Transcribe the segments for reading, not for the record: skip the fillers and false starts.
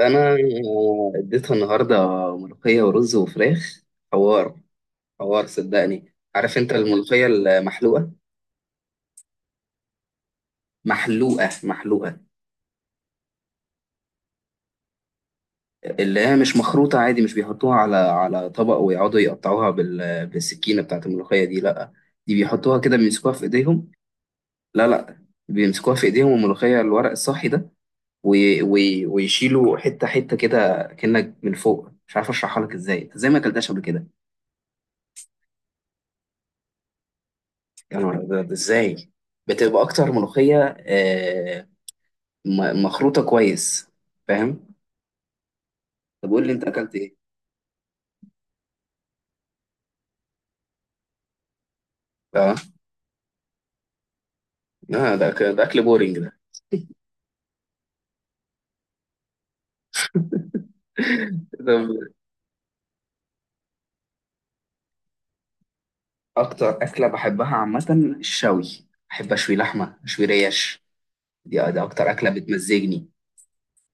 انا اديتها النهارده ملوخيه ورز وفراخ. حوار، حوار، صدقني. عارف انت الملوخيه المحلوقه محلوقه محلوقه؟ اللي هي مش مخروطه عادي، مش بيحطوها على طبق ويقعدوا يقطعوها بالسكينه بتاعت الملوخيه دي، لا. دي بيحطوها كده، بيمسكوها في ايديهم. لا، لا، بيمسكوها في ايديهم الملوخيه، الورق الصحي ده. ويشيلوا حته حته كده، كأنك من فوق. مش عارف اشرحها لك ازاي، إنت ازاي ما اكلتهاش قبل كده؟ يا نهار أبيض، إزاي؟ بتبقى أكتر ملوخية آه، مخروطة كويس. فاهم؟ طب قول لي، أنت أكلت إيه؟ أه لا، ده أكل بورينج ده. ده أكتر أكلة بحبها عامة، الشوي. بحب أشوي لحمة، أشوي ريش. دي أكتر أكلة بتمزجني.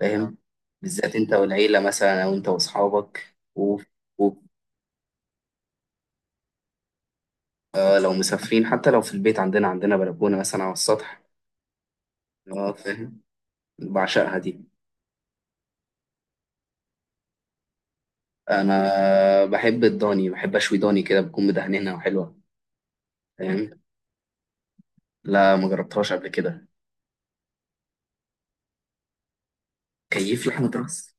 فاهم؟ بالذات أنت والعيلة مثلا، أو أنت وأصحابك و- آه، لو مسافرين. حتى لو في البيت، عندنا بلكونة مثلا على السطح. أه، فاهم؟ بعشقها دي. انا بحب الضاني، بحب اشوي ضاني كده بتكون مدهنينها وحلوه. فاهم؟ لا، ما جربتهاش قبل كده. كيف لحمه راس؟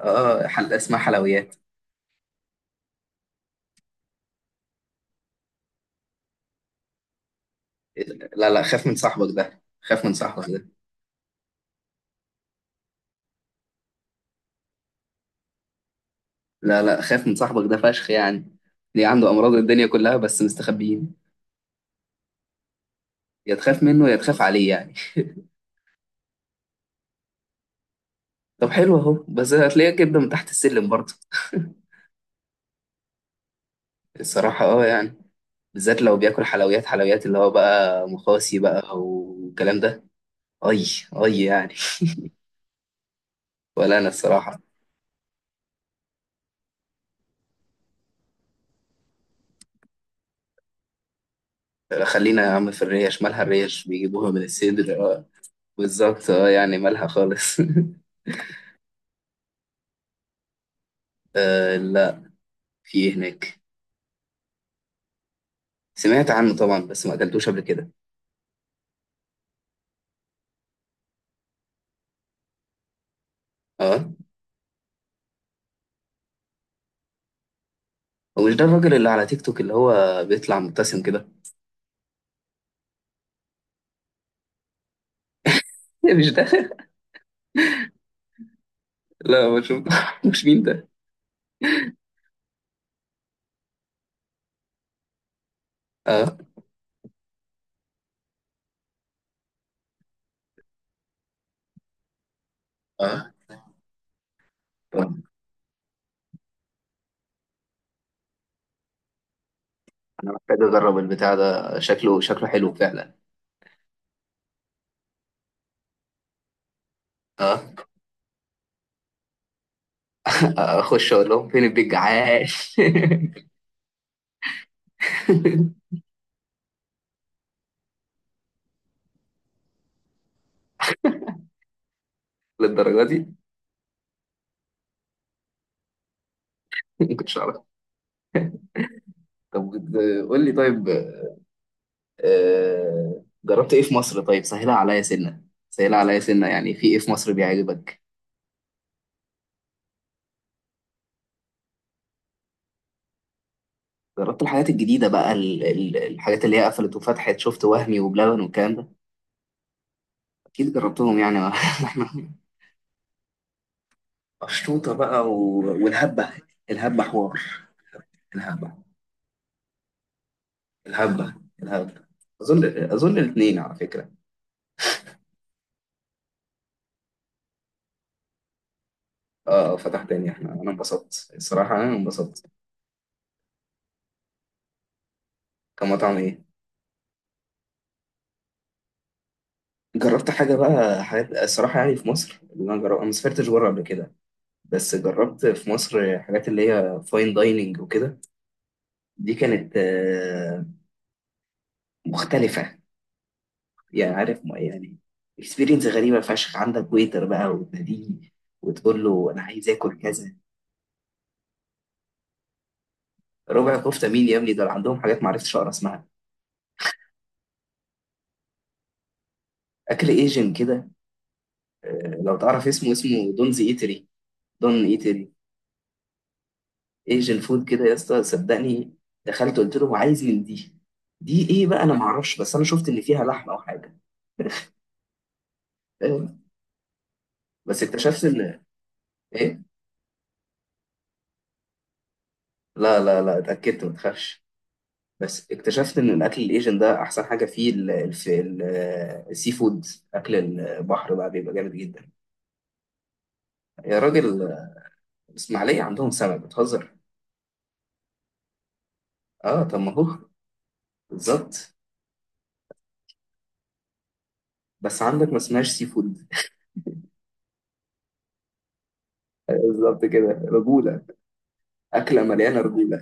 اه، اسمها حلويات. لا لا، خاف من صاحبك ده، خاف من صاحبك ده. لا لا، خاف من صاحبك ده فشخ يعني. ليه عنده امراض الدنيا كلها بس مستخبيين. يا تخاف منه يا تخاف عليه يعني. طب حلو اهو، بس هتلاقيه كده من تحت السلم برضه. الصراحة اه يعني، بالذات لو بياكل حلويات، حلويات اللي هو بقى مخاصي بقى والكلام ده. اي، اي يعني. ولا انا الصراحه. خلينا يا عم في الريش، مالها الريش؟ بيجيبوها من الصدر، اه. بالظبط، اه يعني، مالها خالص. آه لا، في ايه هناك؟ سمعت عنه طبعا بس ما اكلتوش قبل كده. اه، ومش ده الراجل اللي على تيك توك اللي هو بيطلع مبتسم كده؟ إيه، مش ده؟ لا ما شفتوش، مين ده؟ اه، اه، طب انا محتاج اجرب البتاع ده، شكله شكله حلو فعلا. اه. اخش اقول لهم فين البيج، عاش. للدرجه دي؟ ما كنتش اعرف. طب قول لي طيب، آه، جربت ايه في مصر؟ طيب سهلها عليا سنة، سهلها عليا سنة، يعني في ايه في مصر بيعجبك؟ جربت الحاجات الجديدة بقى، الحاجات اللي هي قفلت وفتحت؟ شفت وهمي وبلبن والكلام ده؟ اكيد جربتهم يعني. احنا قشطوطة بقى والهبة. الهبة حوار. الهبة، الهبة، الهبة. اظن، اظن الاثنين على فكرة. اه، آه، فتح تاني، احنا انا انبسطت الصراحة، انا انبسطت. كمطعم ايه؟ جربت حاجة بقى، حاجات الصراحة يعني في مصر اللي انا جربت، انا ما سافرتش بره قبل كده. بس جربت في مصر حاجات اللي هي فاين دايننج وكده. دي كانت آه، مختلفة. يعني عارف يعني اكسبيرينس غريبة فشخ، عندك ويتر بقى وتناديه وتقول له أنا عايز آكل كذا. ربع كفتة مين يا ابني، دول عندهم حاجات معرفتش أقرأ اسمها. أكل ايجن كده، آه، لو تعرف اسمه اسمه دونز ايتري، دون ايتري. ايجن فود كده يا اسطى، صدقني. دخلت قلت له عايز من دي، دي ايه بقى انا معرفش، بس انا شفت ان فيها لحمه او حاجه. آه، بس اكتشفت ان، إيه؟ لا لا لا، اتأكدت ما تخافش. بس اكتشفت ان الاكل الايجن ده احسن حاجه فيه السي فود، اكل البحر بقى، بيبقى جامد جدا. يا راجل، الاسماعيليه عندهم سمك بتهزر. اه طب ما هو بالظبط. بس عندك ما اسمهاش سي فود، بالظبط كده، رجوله. اكله مليانه رجوله.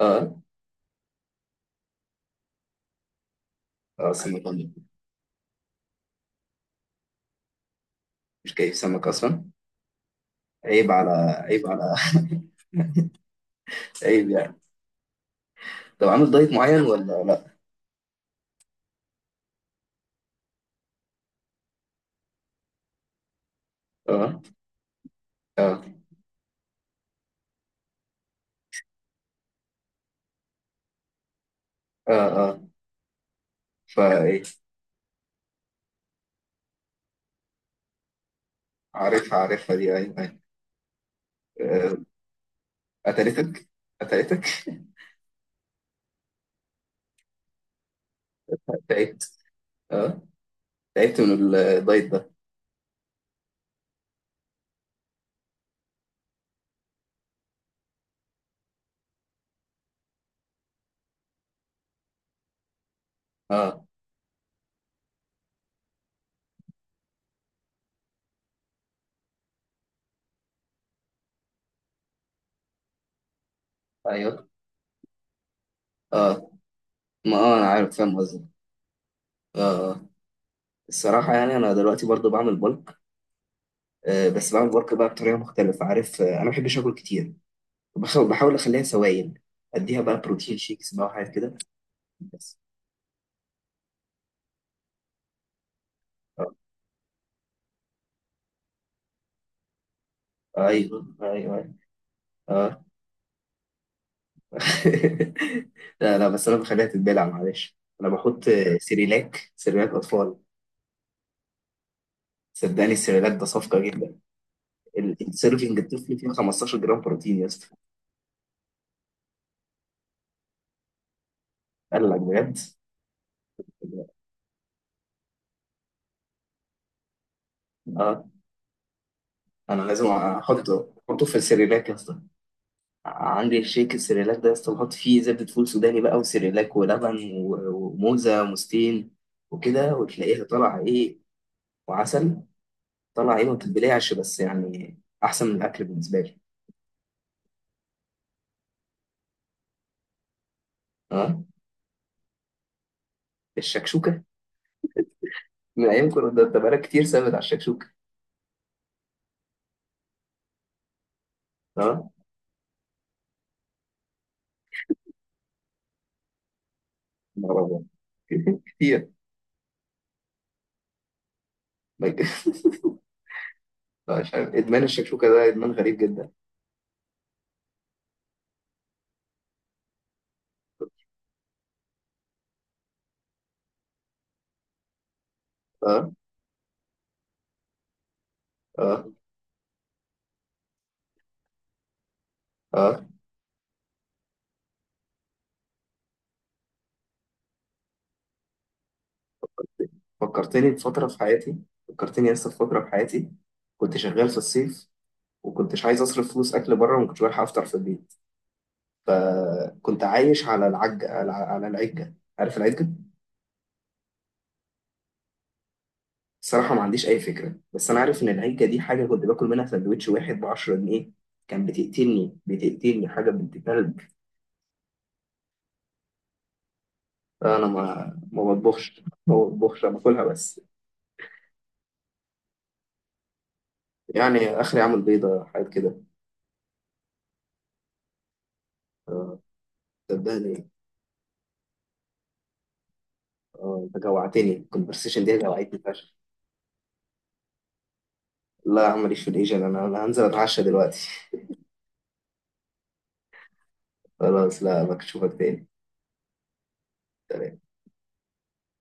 اه، اه، سمك، مش كيف سمك اصلا. عيب على، عيب على. عيب يعني. طب عامل دايت معين ولا لا؟ اه، اه، اه، اه، فايه؟ عارفها عارفها دي، ايوه، أيوة. آه، قتلتك، قتلتك. تعبت. اه تعبت من الدايت ده. اه، ايوه، اه، ما اه انا عارف فاهم قصدك. اه، آه. الصراحه يعني انا دلوقتي برضو بعمل بلك. آه، بس بعمل بلك بقى بطريقه مختلفه، عارف؟ آه، انا ما بحبش اكل كتير، بحاول اخليها سوائل. اديها بقى بروتين شيكس بقى وحاجات كده. بس آه. ايوه ايوه، أيوة. اه. لا لا بس انا بخليها تتبلع، معلش انا بحط آه، سيريلاك، سيريلاك اطفال. صدقني السيريلاك ده صفقه جدا. السيرفنج الطفل فيه 15 جرام بروتين يا اسطى. قال لك بجد؟ اه. انا لازم احطه، في السيريلاك يا اسطى. عندي الشيك السيريلاك ده يا اسطى، بحط فيه زبدة فول سوداني بقى، وسيريلاك ولبن وموزة ومستين وكده، وتلاقيها طالعة ايه. وعسل. طالعة ايه، ما بتتبلعش بس يعني، احسن من الاكل بالنسبة لي. اه الشكشوكة. من ايام كنا، ده بقالك كتير ثابت على الشكشوكة. اه. نهار أبيض. كتير. مش عارف، ادمان الشكشوكة ده ادمان غريب جدا. اه، اه، اه، فكرتني بفترة في حياتي، فكرتني لسه في فترة في حياتي، كنت شغال في الصيف، وكنتش عايز اصرف فلوس اكل بره، وما كنتش بلحق افطر في البيت. فكنت عايش على العجة، على العجة. عارف العجة؟ الصراحة ما عنديش أي فكرة، بس أنا عارف إن العجة دي حاجة كنت باكل منها سندوتش واحد ب10 جنيه. كان بتقتلني، بتقتلني حاجة بنت كلب. أنا ما بطبخش، أنا باكلها بس. يعني آخري أعمل بيضة، حاجات كده. صدقني. آه، أنت جوعتني الكونفرسيشن دي، جوعتني. لا يا عم، ماليش في الإيجاد، أنا هنزل أتعشى دلوقتي. خلاص، لا بشوفك تاني. سلام.